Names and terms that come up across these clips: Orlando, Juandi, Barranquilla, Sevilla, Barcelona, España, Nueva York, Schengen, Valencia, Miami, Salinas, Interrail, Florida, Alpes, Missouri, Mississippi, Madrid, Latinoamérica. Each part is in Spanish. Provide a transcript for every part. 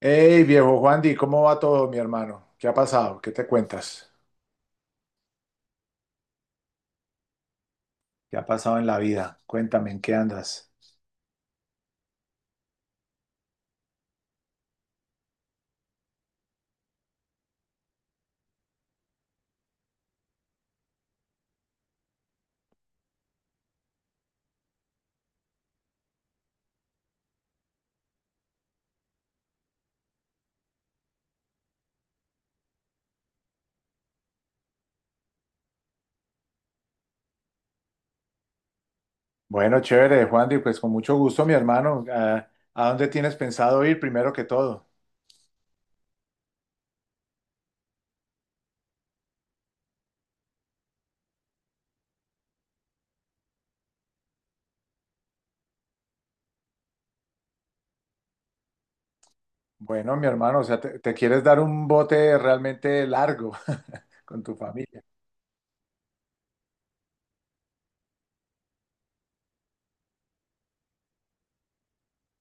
Hey, viejo Juandi, ¿cómo va todo, mi hermano? ¿Qué ha pasado? ¿Qué te cuentas? ¿Qué ha pasado en la vida? Cuéntame, ¿en qué andas? Bueno, chévere, Juandi, pues con mucho gusto, mi hermano. ¿A dónde tienes pensado ir primero que todo? Bueno, mi hermano, o sea, te quieres dar un bote realmente largo con tu familia.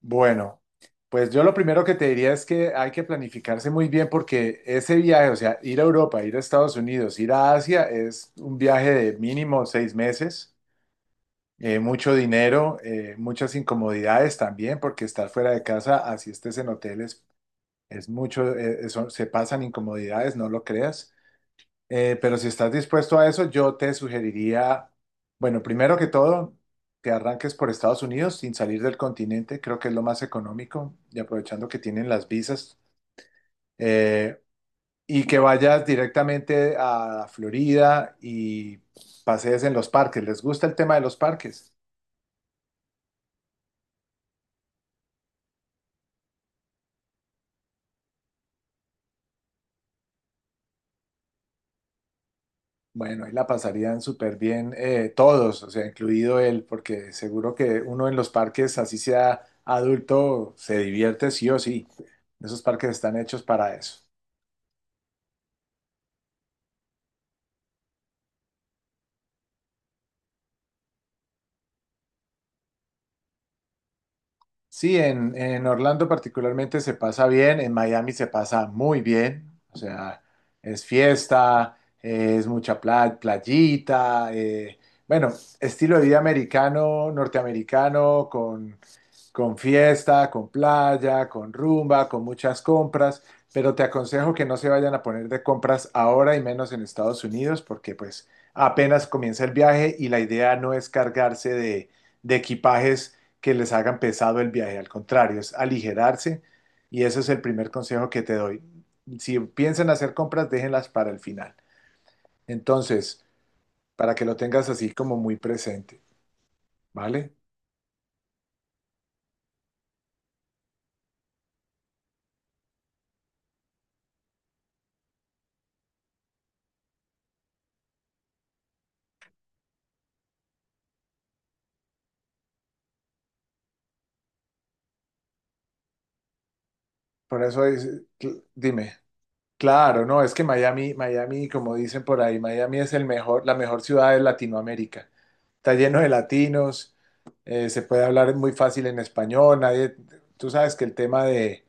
Bueno, pues yo lo primero que te diría es que hay que planificarse muy bien porque ese viaje, o sea, ir a Europa, ir a Estados Unidos, ir a Asia, es un viaje de mínimo 6 meses, mucho dinero, muchas incomodidades también, porque estar fuera de casa, así estés en hoteles, es mucho, se pasan incomodidades, no lo creas. Pero si estás dispuesto a eso, yo te sugeriría, bueno, primero que todo, que arranques por Estados Unidos sin salir del continente, creo que es lo más económico, y aprovechando que tienen las visas, eh, y que vayas directamente a Florida y pasees en los parques. ¿Les gusta el tema de los parques? Bueno, ahí la pasarían súper bien, todos, o sea, incluido él, porque seguro que uno en los parques, así sea adulto, se divierte sí o sí. Esos parques están hechos para eso. Sí, en Orlando particularmente se pasa bien, en Miami se pasa muy bien, o sea, es fiesta, es mucha playita, bueno, estilo de vida americano, norteamericano, con fiesta, con playa, con rumba, con muchas compras, pero te aconsejo que no se vayan a poner de compras ahora y menos en Estados Unidos porque pues apenas comienza el viaje y la idea no es cargarse de equipajes que les hagan pesado el viaje, al contrario, es aligerarse y ese es el primer consejo que te doy. Si piensan hacer compras, déjenlas para el final. Entonces, para que lo tengas así como muy presente, ¿vale? Por eso es, dime. Claro, no, es que Miami, Miami, como dicen por ahí, Miami es el mejor, la mejor ciudad de Latinoamérica. Está lleno de latinos, se puede hablar muy fácil en español, nadie, tú sabes que el tema de,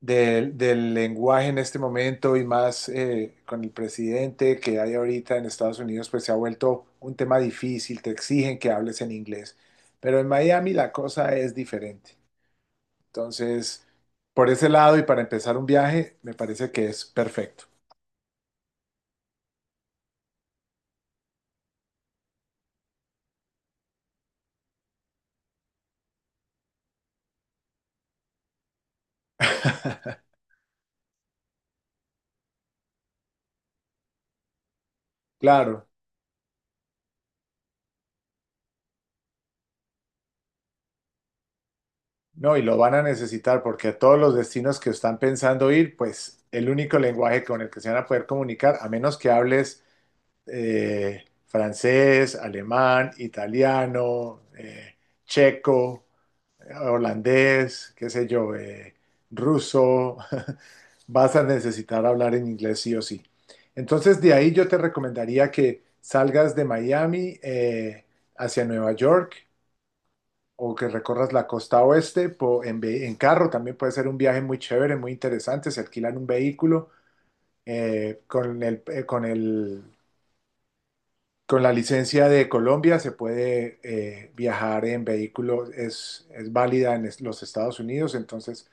del lenguaje en este momento y más, con el presidente que hay ahorita en Estados Unidos, pues se ha vuelto un tema difícil, te exigen que hables en inglés, pero en Miami la cosa es diferente. Entonces, por ese lado y para empezar un viaje, me parece que es perfecto. Claro, no, y lo van a necesitar porque a todos los destinos que están pensando ir, pues el único lenguaje con el que se van a poder comunicar, a menos que hables, francés, alemán, italiano, checo, holandés, qué sé yo, ruso, vas a necesitar hablar en inglés sí o sí. Entonces, de ahí yo te recomendaría que salgas de Miami, hacia Nueva York o que recorras la costa oeste en carro, también puede ser un viaje muy chévere, muy interesante, se alquilan un vehículo, con el, con la licencia de Colombia se puede, viajar en vehículo, es válida en los Estados Unidos, entonces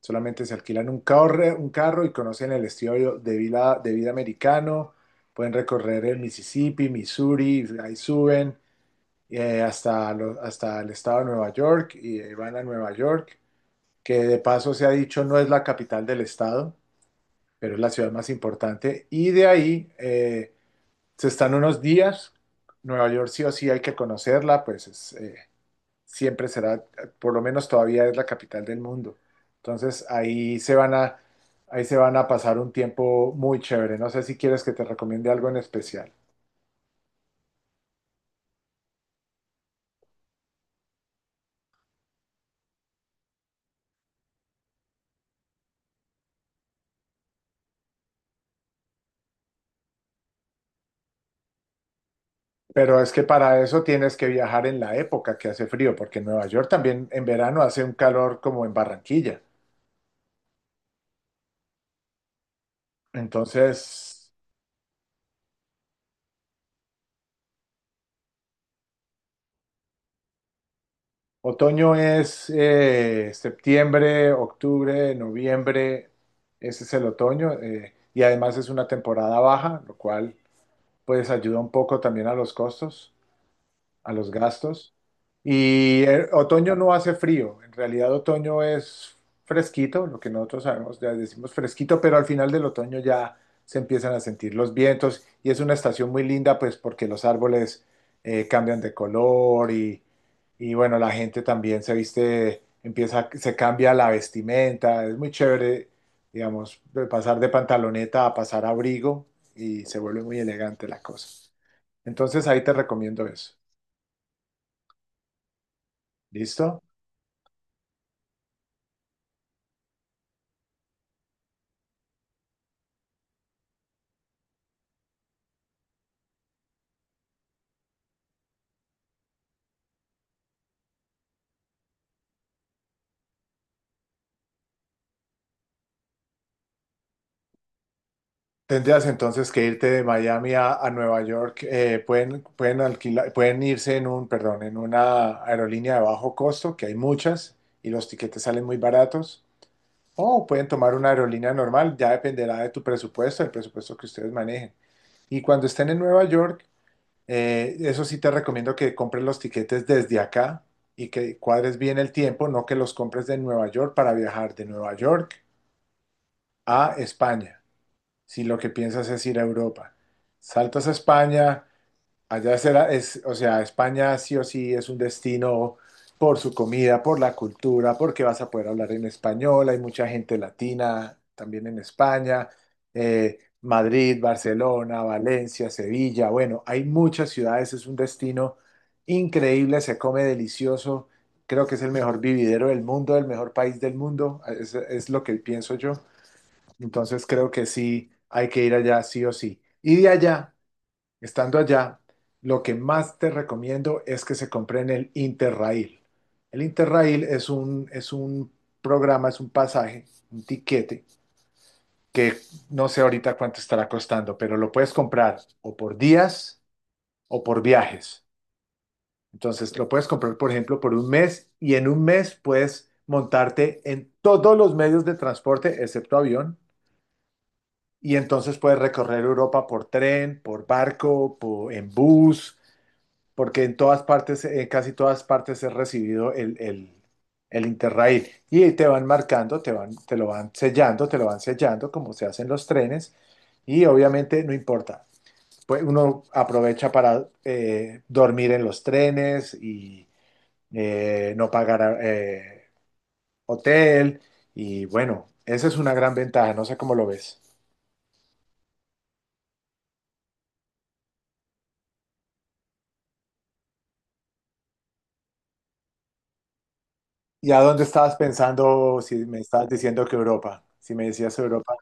solamente se alquilan un carro y conocen el estilo de vida americano, pueden recorrer el Mississippi, Missouri, ahí suben. Hasta el estado de Nueva York y, van a Nueva York, que de paso se ha dicho no es la capital del estado, pero es la ciudad más importante. Y de ahí, se están unos días. Nueva York sí o sí hay que conocerla, pues es, siempre será, por lo menos todavía es la capital del mundo. Entonces ahí se van a pasar un tiempo muy chévere. No sé si quieres que te recomiende algo en especial. Pero es que para eso tienes que viajar en la época que hace frío, porque en Nueva York también en verano hace un calor como en Barranquilla. Entonces, otoño es, septiembre, octubre, noviembre, ese es el otoño, y además es una temporada baja, lo cual pues ayuda un poco también a los costos, a los gastos. Y, otoño no hace frío, en realidad otoño es fresquito, lo que nosotros sabemos, ya decimos fresquito, pero al final del otoño ya se empiezan a sentir los vientos y es una estación muy linda pues porque los árboles, cambian de color y bueno, la gente también se viste, empieza, se cambia la vestimenta, es muy chévere, digamos, de pasar de pantaloneta a pasar a abrigo y se vuelve muy elegante la cosa. Entonces ahí te recomiendo eso. ¿Listo? Tendrías entonces que irte de Miami a Nueva York. Pueden alquilar, pueden irse en un, perdón, en una aerolínea de bajo costo, que hay muchas, y los tiquetes salen muy baratos. O pueden tomar una aerolínea normal, ya dependerá de tu presupuesto, del presupuesto que ustedes manejen. Y cuando estén en Nueva York, eso sí te recomiendo que compres los tiquetes desde acá y que cuadres bien el tiempo, no que los compres de Nueva York para viajar de Nueva York a España, si lo que piensas es ir a Europa. Saltas a España, allá será, es, o sea, España sí o sí es un destino por su comida, por la cultura, porque vas a poder hablar en español, hay mucha gente latina también en España, Madrid, Barcelona, Valencia, Sevilla, bueno, hay muchas ciudades, es un destino increíble, se come delicioso, creo que es el mejor vividero del mundo, el mejor país del mundo, es lo que pienso yo. Entonces creo que sí hay que ir allá sí o sí. Y de allá, estando allá, lo que más te recomiendo es que se compren el Interrail. El Interrail es un programa, es un pasaje, un tiquete, que no sé ahorita cuánto estará costando, pero lo puedes comprar o por días o por viajes. Entonces lo puedes comprar, por ejemplo, por un mes y en un mes puedes montarte en todos los medios de transporte, excepto avión. Y entonces puedes recorrer Europa por tren, por barco, por, en bus, porque en todas partes, en casi todas partes es recibido el Interrail. Y te van marcando, te van, te lo van sellando, te lo van sellando, como se hacen los trenes. Y obviamente no importa. Pues uno aprovecha para, dormir en los trenes y, no pagar, hotel. Y bueno, esa es una gran ventaja. No sé cómo lo ves. ¿Y a dónde estabas pensando si me estabas diciendo que Europa? Si me decías Europa.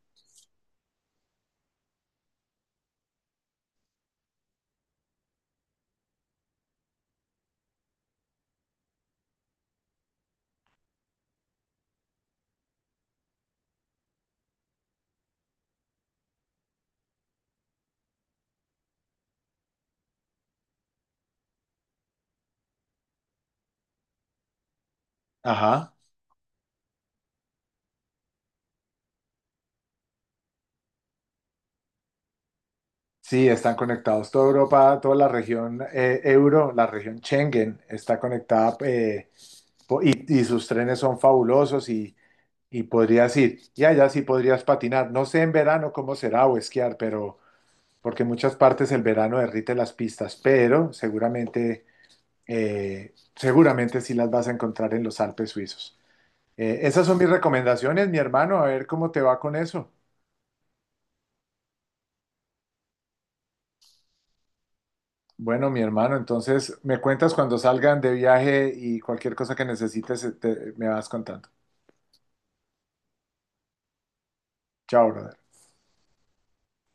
Ajá. Sí, están conectados. Toda Europa, toda la región, la región Schengen está conectada, y sus trenes son fabulosos y podrías ir. Y allá sí podrías patinar. No sé en verano cómo será o esquiar, pero porque en muchas partes el verano derrite las pistas, pero seguramente, seguramente sí las vas a encontrar en los Alpes suizos. Esas son mis recomendaciones, mi hermano, a ver cómo te va con eso. Bueno, mi hermano, entonces me cuentas cuando salgan de viaje y cualquier cosa que necesites, me vas contando. Chao, brother.